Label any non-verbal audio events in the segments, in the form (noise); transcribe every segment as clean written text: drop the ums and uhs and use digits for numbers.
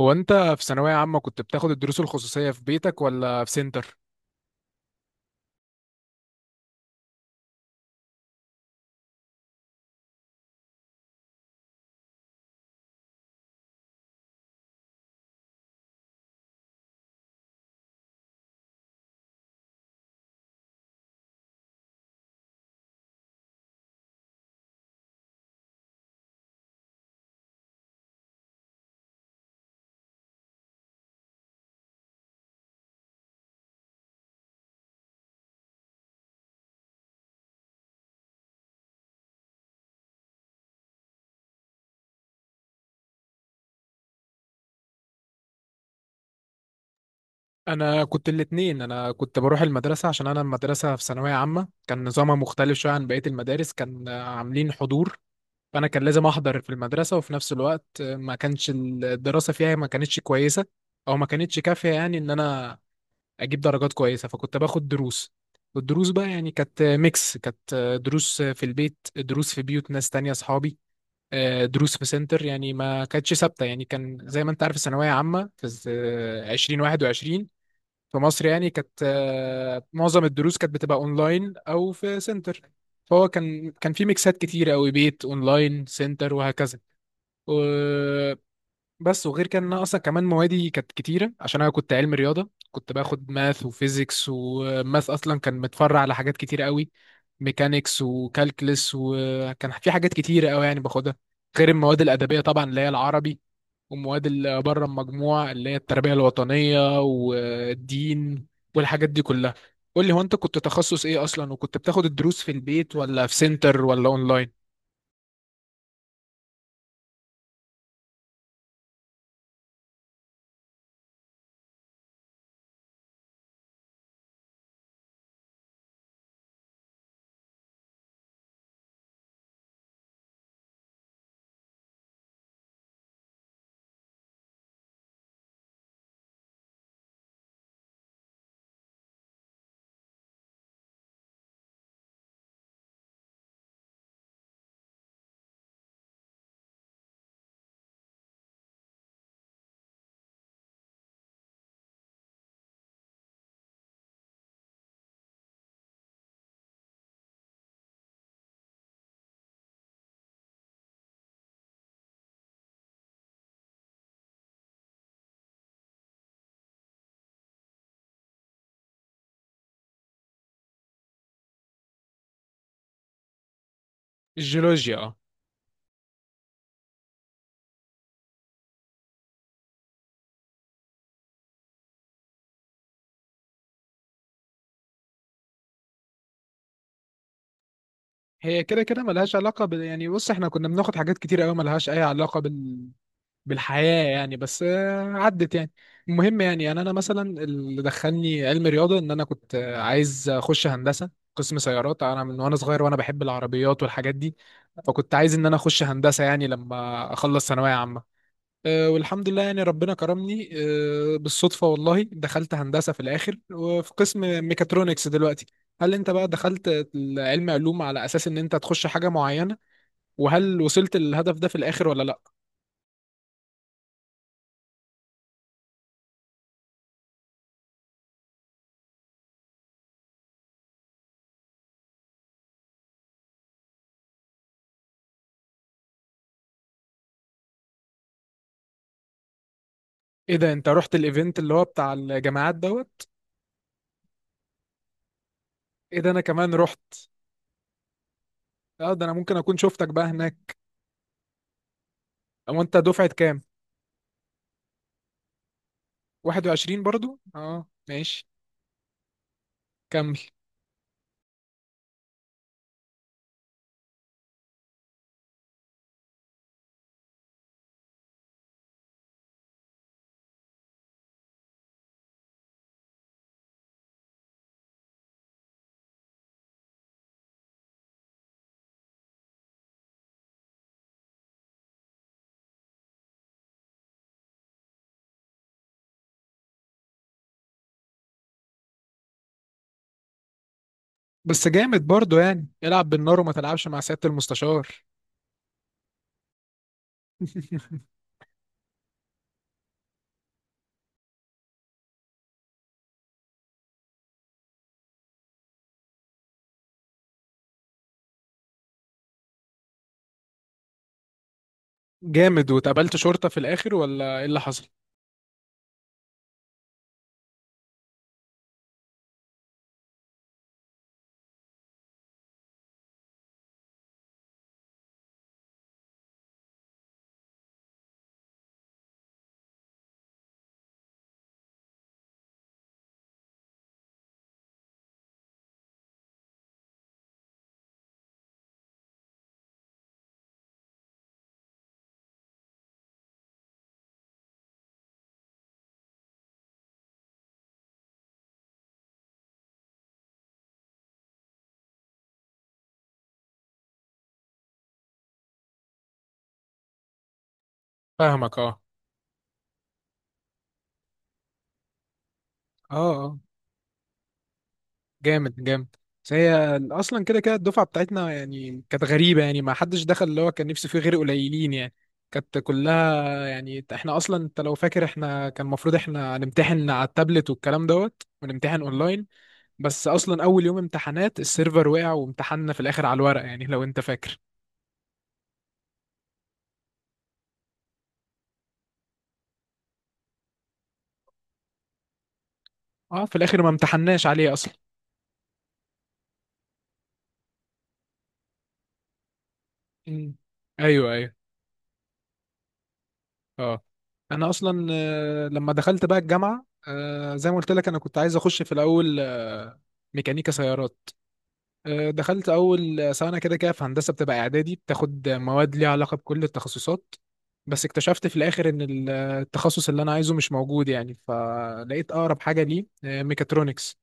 هو انت في ثانوية عامة كنت بتاخد الدروس الخصوصية في بيتك ولا في سنتر؟ انا كنت الاتنين، انا كنت بروح المدرسة عشان انا المدرسة في ثانوية عامة كان نظامها مختلف شوية عن بقية المدارس، كان عاملين حضور. فانا كان لازم احضر في المدرسة، وفي نفس الوقت ما كانش الدراسة فيها، ما كانتش كويسة او ما كانتش كافية يعني ان انا اجيب درجات كويسة، فكنت باخد دروس. والدروس بقى يعني كانت ميكس، كانت دروس في البيت، دروس في بيوت ناس تانية اصحابي، دروس في سنتر، يعني ما كانتش ثابته. يعني كان زي ما انت عارف الثانويه عامه في 2021 في مصر، يعني كانت معظم الدروس كانت بتبقى اونلاين او في سنتر. فهو كان في ميكسات كتير قوي، بيت اونلاين سنتر وهكذا. بس وغير كده ان انا اصلا كمان موادي كانت كتيره عشان انا كنت علم رياضه، كنت باخد ماث وفيزيكس، وماث اصلا كان متفرع على حاجات كتيره قوي، ميكانيكس وكالكلس، وكان في حاجات كتيره قوي يعني باخدها، غير المواد الادبيه طبعا اللي هي العربي، ومواد اللي بره المجموع اللي هي التربيه الوطنيه والدين والحاجات دي كلها. قول لي هو انت كنت تخصص ايه اصلا، وكنت بتاخد الدروس في البيت ولا في سنتر ولا اونلاين؟ الجيولوجيا آه. هي كده كده ملهاش علاقة يعني بص احنا كنا بناخد حاجات كتير قوي ملهاش أي علاقة بالحياة يعني. بس عدت يعني. المهم، يعني أنا مثلا اللي دخلني علم رياضة إن أنا كنت عايز أخش هندسة قسم سيارات. أنا من وأنا صغير وأنا بحب العربيات والحاجات دي، فكنت عايز إن أنا أخش هندسة يعني لما أخلص ثانوية عامة. والحمد لله يعني ربنا كرمني، بالصدفة والله دخلت هندسة في الآخر، وفي قسم ميكاترونكس دلوقتي. هل أنت بقى دخلت علم علوم على أساس إن أنت تخش حاجة معينة، وهل وصلت للهدف ده في الآخر ولا لأ؟ إيه ده، أنت رحت الإيفنت اللي هو بتاع الجامعات دوت؟ إيه ده، أنا كمان رحت؟ أه ده أنا ممكن أكون شفتك بقى هناك. أو أنت دفعة كام؟ 21 برضو؟ أه ماشي، كمل. بس جامد برضو، يعني العب بالنار وما تلعبش مع سيادة المستشار. (laughs) جامد، واتقابلت شرطة في الآخر ولا إيه اللي حصل؟ فاهمك، أه. أه. أه جامد جامد. بس هي أصلا كده كده الدفعة بتاعتنا يعني كانت غريبة، يعني ما حدش دخل اللي هو كان نفسه فيه غير قليلين يعني. كانت كلها يعني، إحنا أصلا أنت لو فاكر إحنا كان المفروض إحنا هنمتحن على التابلت والكلام دوت، ونمتحن أونلاين. بس أصلا أول يوم امتحانات السيرفر وقع، وامتحنا في الآخر على الورق يعني لو أنت فاكر. أه في الآخر ما امتحناش عليه أصلا. أمم. أيوه أيوه. اه، انا اصلا لما دخلت بقى الجامعه، زي ما قلت لك انا كنت عايز اخش في الاول ميكانيكا سيارات. دخلت اول سنه، كده كده في هندسه بتبقى اعدادي بتاخد مواد ليها علاقه بكل التخصصات. بس اكتشفت في الاخر ان التخصص اللي انا عايزه مش موجود يعني، فلقيت اقرب حاجه ليه ميكاترونكس.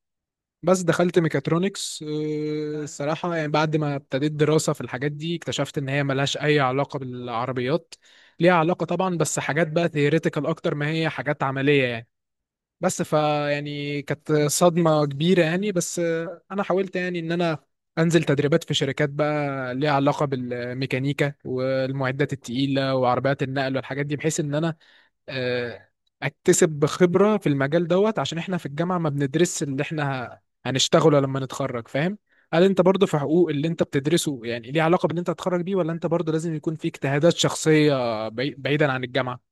بس دخلت ميكاترونكس، الصراحة يعني بعد ما ابتديت دراسة في الحاجات دي اكتشفت إن هي ملهاش أي علاقة بالعربيات. ليها علاقة طبعا، بس حاجات بقى ثيوريتيكال أكتر ما هي حاجات عملية يعني. بس يعني كانت صدمة كبيرة يعني. بس أنا حاولت يعني إن أنا أنزل تدريبات في شركات بقى ليها علاقة بالميكانيكا والمعدات التقيلة وعربيات النقل والحاجات دي، بحيث إن أنا آه، اكتسب خبرة في المجال دوت، عشان احنا في الجامعة ما بندرسش اللي احنا هنشتغله لما نتخرج، فاهم؟ هل انت برضو في حقوق اللي انت بتدرسه يعني ليه علاقة باللي انت هتخرج بيه، ولا انت برضو لازم يكون في اجتهادات شخصية بعيدا عن الجامعة؟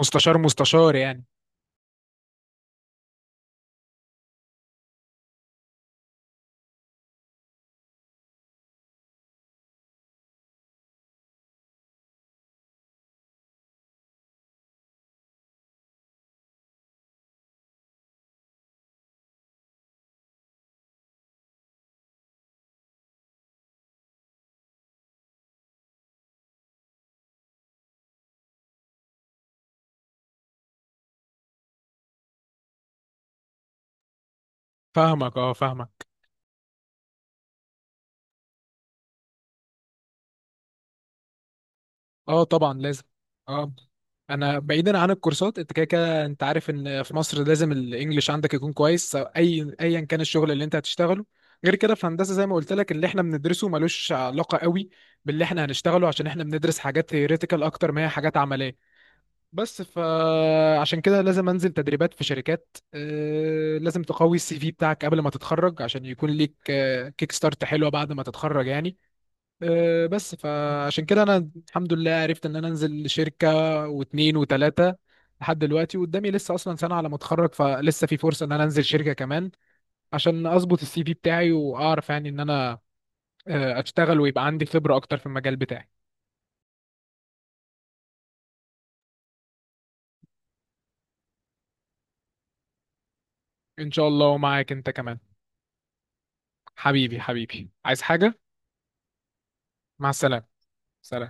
مستشار يعني. فاهمك، اه فاهمك. اه طبعا لازم. اه. انا بعيدا عن الكورسات، انت كده كده انت عارف ان في مصر لازم الانجليش عندك يكون كويس سواء اي ايا كان الشغل اللي انت هتشتغله. غير كده في هندسه زي ما قلت لك اللي احنا بندرسه ملوش علاقه قوي باللي احنا هنشتغله، عشان احنا بندرس حاجات ثيوريتيكال اكتر ما هي حاجات عمليه. بس فعشان كده لازم انزل تدريبات في شركات، لازم تقوي السي في بتاعك قبل ما تتخرج، عشان يكون ليك كيك ستارت حلوه بعد ما تتخرج يعني. بس فعشان كده انا الحمد لله عرفت ان انا انزل شركة واتنين وتلاتة لحد دلوقتي، وقدامي لسه اصلا سنة على ما اتخرج، فلسه في فرصة ان انا انزل شركة كمان عشان اظبط السي في بتاعي، واعرف يعني ان انا اشتغل ويبقى عندي خبرة اكتر في المجال بتاعي. ان شاء الله، ومعاك انت كمان. حبيبي حبيبي، عايز حاجة؟ مع السلامة. سلام.